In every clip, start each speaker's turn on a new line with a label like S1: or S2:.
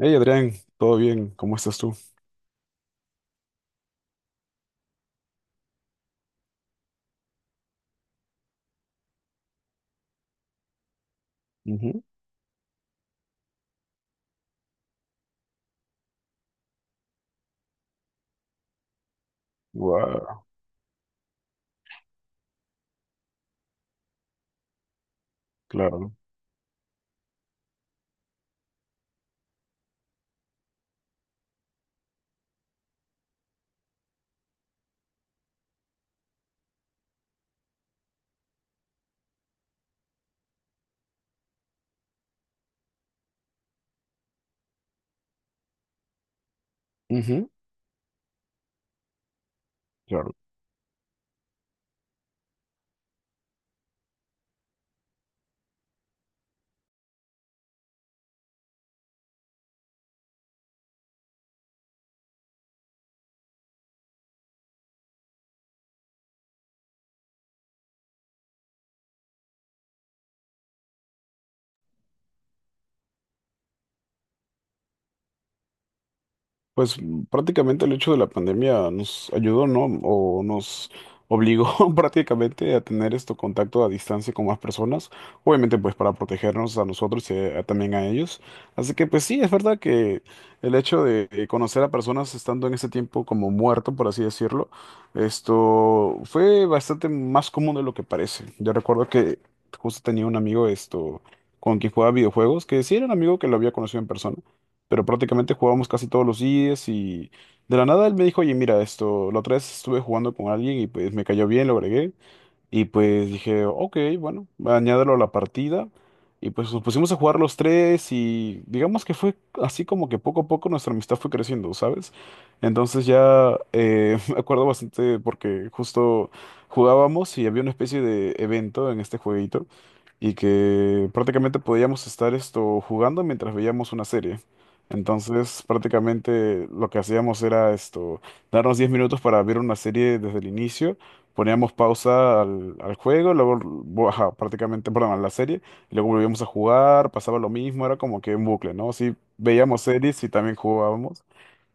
S1: Hey Adrián, ¿todo bien? ¿Cómo estás tú? Ujú. Guau, claro. Ujú, claro. Prácticamente el hecho de la pandemia nos ayudó, ¿no? O nos obligó prácticamente a tener esto contacto a distancia con más personas, obviamente pues para protegernos a nosotros y también a ellos. Así que pues sí, es verdad que el hecho de conocer a personas estando en ese tiempo como muerto, por así decirlo, esto fue bastante más común de lo que parece. Yo recuerdo que justo tenía un amigo esto con quien jugaba videojuegos, que sí era un amigo que lo había conocido en persona pero prácticamente jugábamos casi todos los días y de la nada él me dijo, oye, mira, esto, la otra vez estuve jugando con alguien y pues me cayó bien, lo agregué. Y pues dije, ok, bueno, añádelo a la partida. Y pues nos pusimos a jugar los tres y digamos que fue así como que poco a poco nuestra amistad fue creciendo, ¿sabes? Entonces ya me acuerdo bastante porque justo jugábamos y había una especie de evento en este jueguito y que prácticamente podíamos estar esto jugando mientras veíamos una serie. Entonces, prácticamente lo que hacíamos era esto, darnos 10 minutos para ver una serie desde el inicio poníamos pausa al juego, luego, ajá, prácticamente, perdón, a la serie, y luego volvíamos a jugar, pasaba lo mismo, era como que un bucle, ¿no? Sí, veíamos series y también jugábamos.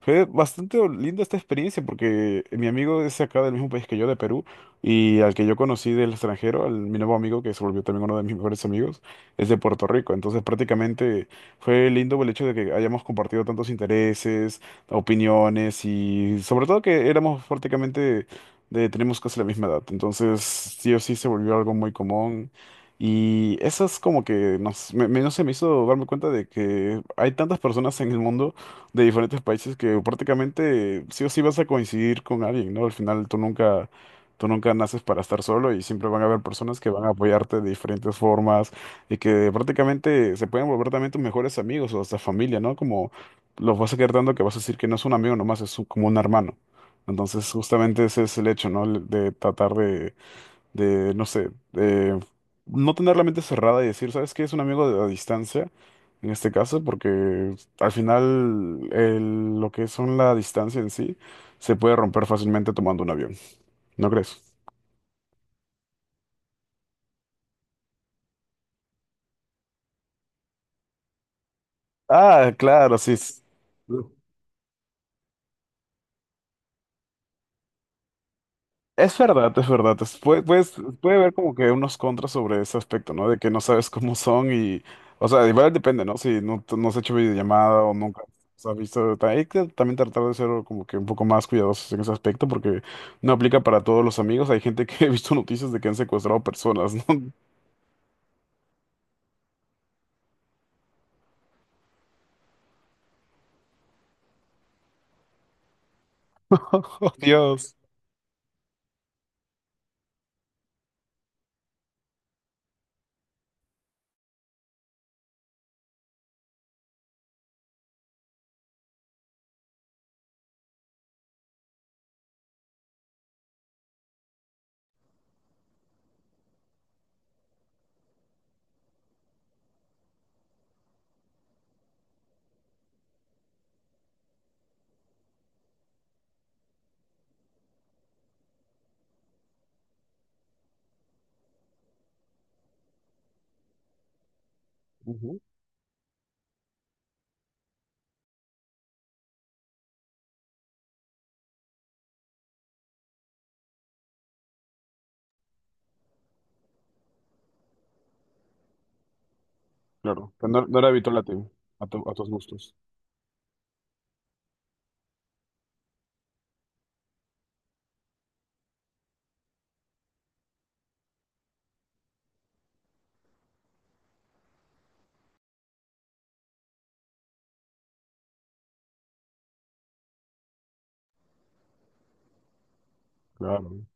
S1: Fue bastante linda esta experiencia porque mi amigo es acá del mismo país que yo, de Perú, y al que yo conocí del extranjero, al, mi nuevo amigo, que se volvió también uno de mis mejores amigos, es de Puerto Rico. Entonces prácticamente fue lindo el hecho de que hayamos compartido tantos intereses, opiniones y sobre todo que éramos prácticamente de, tenemos casi la misma edad. Entonces sí o sí se volvió algo muy común. Y eso es como que no sé, me hizo darme cuenta de que hay tantas personas en el mundo de diferentes países que prácticamente sí o sí vas a coincidir con alguien, ¿no? Al final tú nunca naces para estar solo y siempre van a haber personas que van a apoyarte de diferentes formas y que prácticamente se pueden volver también tus mejores amigos o hasta familia, ¿no? Como los vas a quedar tanto que vas a decir que no es un amigo nomás, como un hermano. Entonces justamente ese es el hecho, ¿no? De tratar de, no sé, de no tener la mente cerrada y decir, ¿sabes qué? Es un amigo a distancia, en este caso, porque al final lo que son la distancia en sí se puede romper fácilmente tomando un avión, ¿no crees? Ah, claro, sí. Es verdad, es verdad. Puede haber como que unos contras sobre ese aspecto, ¿no? De que no sabes cómo son y, o sea, igual depende, ¿no? Si no, no has hecho videollamada o nunca has visto, hay que también tratar de ser como que un poco más cuidadosos en ese aspecto porque no aplica para todos los amigos. Hay gente que he visto noticias de que han secuestrado personas, ¿no? ¡Oh, Dios! Ujú, claro, que no era habitual a ti, a tus gustos. Claro.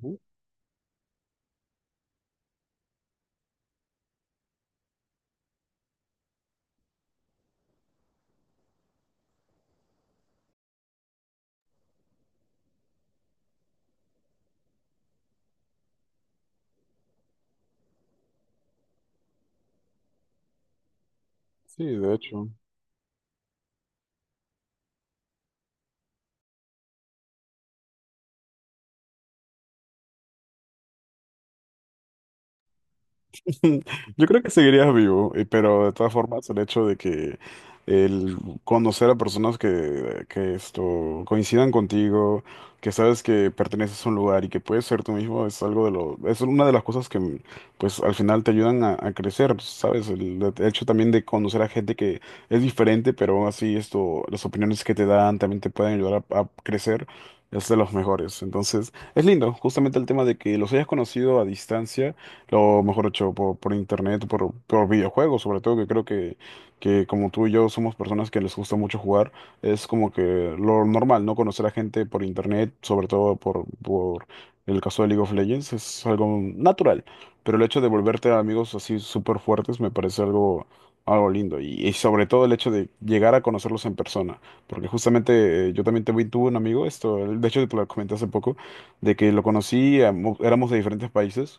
S1: Ujú, sí, de hecho. Yo creo que seguirías vivo, pero de todas formas el hecho de que el conocer a personas que esto coincidan contigo, que sabes que perteneces a un lugar y que puedes ser tú mismo es algo de lo, es una de las cosas que pues al final te ayudan a crecer, ¿sabes? El hecho también de conocer a gente que es diferente, pero aún así esto, las opiniones que te dan también te pueden ayudar a crecer, es de los mejores. Entonces, es lindo, justamente el tema de que los hayas conocido a distancia lo mejor hecho por internet, por videojuegos, sobre todo que creo que como tú y yo somos personas que les gusta mucho jugar, es como que lo normal, ¿no? Conocer a gente por internet, sobre todo por el caso de League of Legends, es algo natural, pero el hecho de volverte amigos así súper fuertes me parece algo... Algo lindo y sobre todo el hecho de llegar a conocerlos en persona, porque justamente yo también tuve un amigo, esto, de hecho te lo comenté hace poco, de que lo conocí, éramos de diferentes países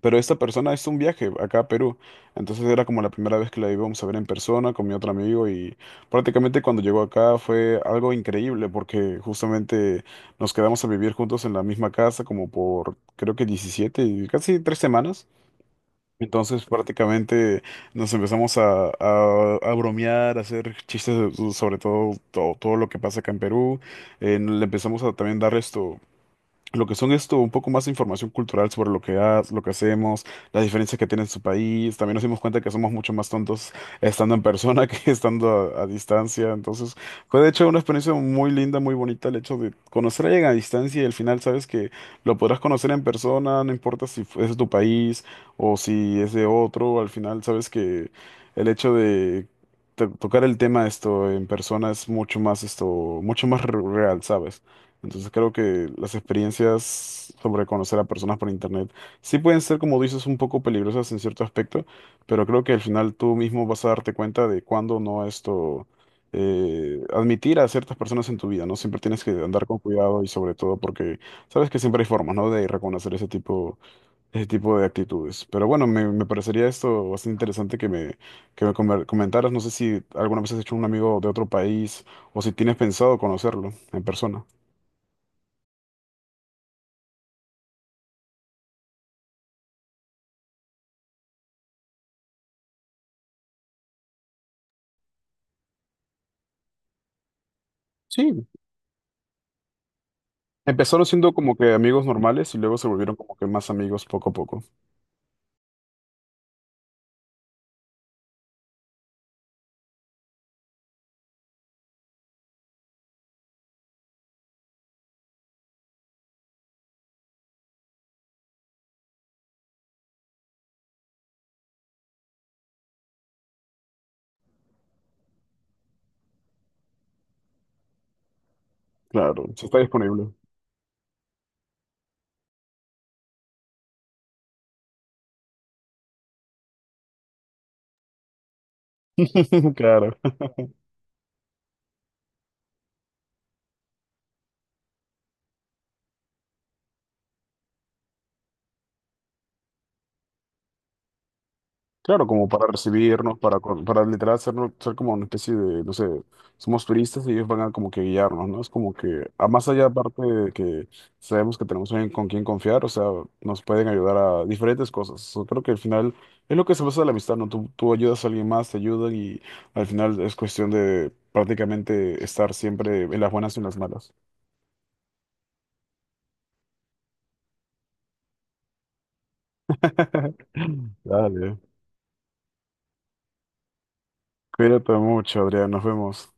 S1: pero esta persona hizo un viaje acá a Perú. Entonces era como la primera vez que la íbamos a ver en persona con mi otro amigo y prácticamente cuando llegó acá fue algo increíble porque justamente nos quedamos a vivir juntos en la misma casa como por creo que 17 y casi 3 semanas. Entonces prácticamente nos empezamos a bromear, a hacer chistes sobre todo, todo, todo lo que pasa acá en Perú. Le empezamos a también dar esto lo que son esto, un poco más de información cultural sobre lo que lo que hacemos, las diferencias que tiene en su país. También nos dimos cuenta que somos mucho más tontos estando en persona que estando a distancia. Entonces, fue de hecho una experiencia muy linda, muy bonita el hecho de conocer a alguien a distancia y al final sabes que lo podrás conocer en persona, no importa si es de tu país o si es de otro, al final sabes que el hecho de tocar el tema esto en persona es mucho más esto, mucho más real, ¿sabes? Entonces creo que las experiencias sobre conocer a personas por internet sí pueden ser, como dices, un poco peligrosas en cierto aspecto, pero creo que al final tú mismo vas a darte cuenta de cuándo no esto admitir a ciertas personas en tu vida, ¿no? Siempre tienes que andar con cuidado y sobre todo porque sabes que siempre hay formas, ¿no? De reconocer ese tipo de actitudes. Pero bueno, me parecería esto bastante interesante que que me comentaras. No sé si alguna vez has hecho un amigo de otro país o si tienes pensado conocerlo en persona. Sí. Empezaron siendo como que amigos normales y luego se volvieron como que más amigos poco a poco. Claro, si está disponible. Claro. Claro, como para recibirnos, para, para literal ser, como una especie de, no sé, somos turistas y ellos van a como que guiarnos, ¿no? Es como que, a más allá aparte de que sabemos que tenemos alguien con quien confiar, o sea, nos pueden ayudar a diferentes cosas. Yo creo que al final es lo que se basa en la amistad, ¿no? Tú ayudas a alguien más, te ayudan y al final es cuestión de prácticamente estar siempre en las buenas y en las malas. Dale. Cuídate mucho, Adrián. Nos vemos.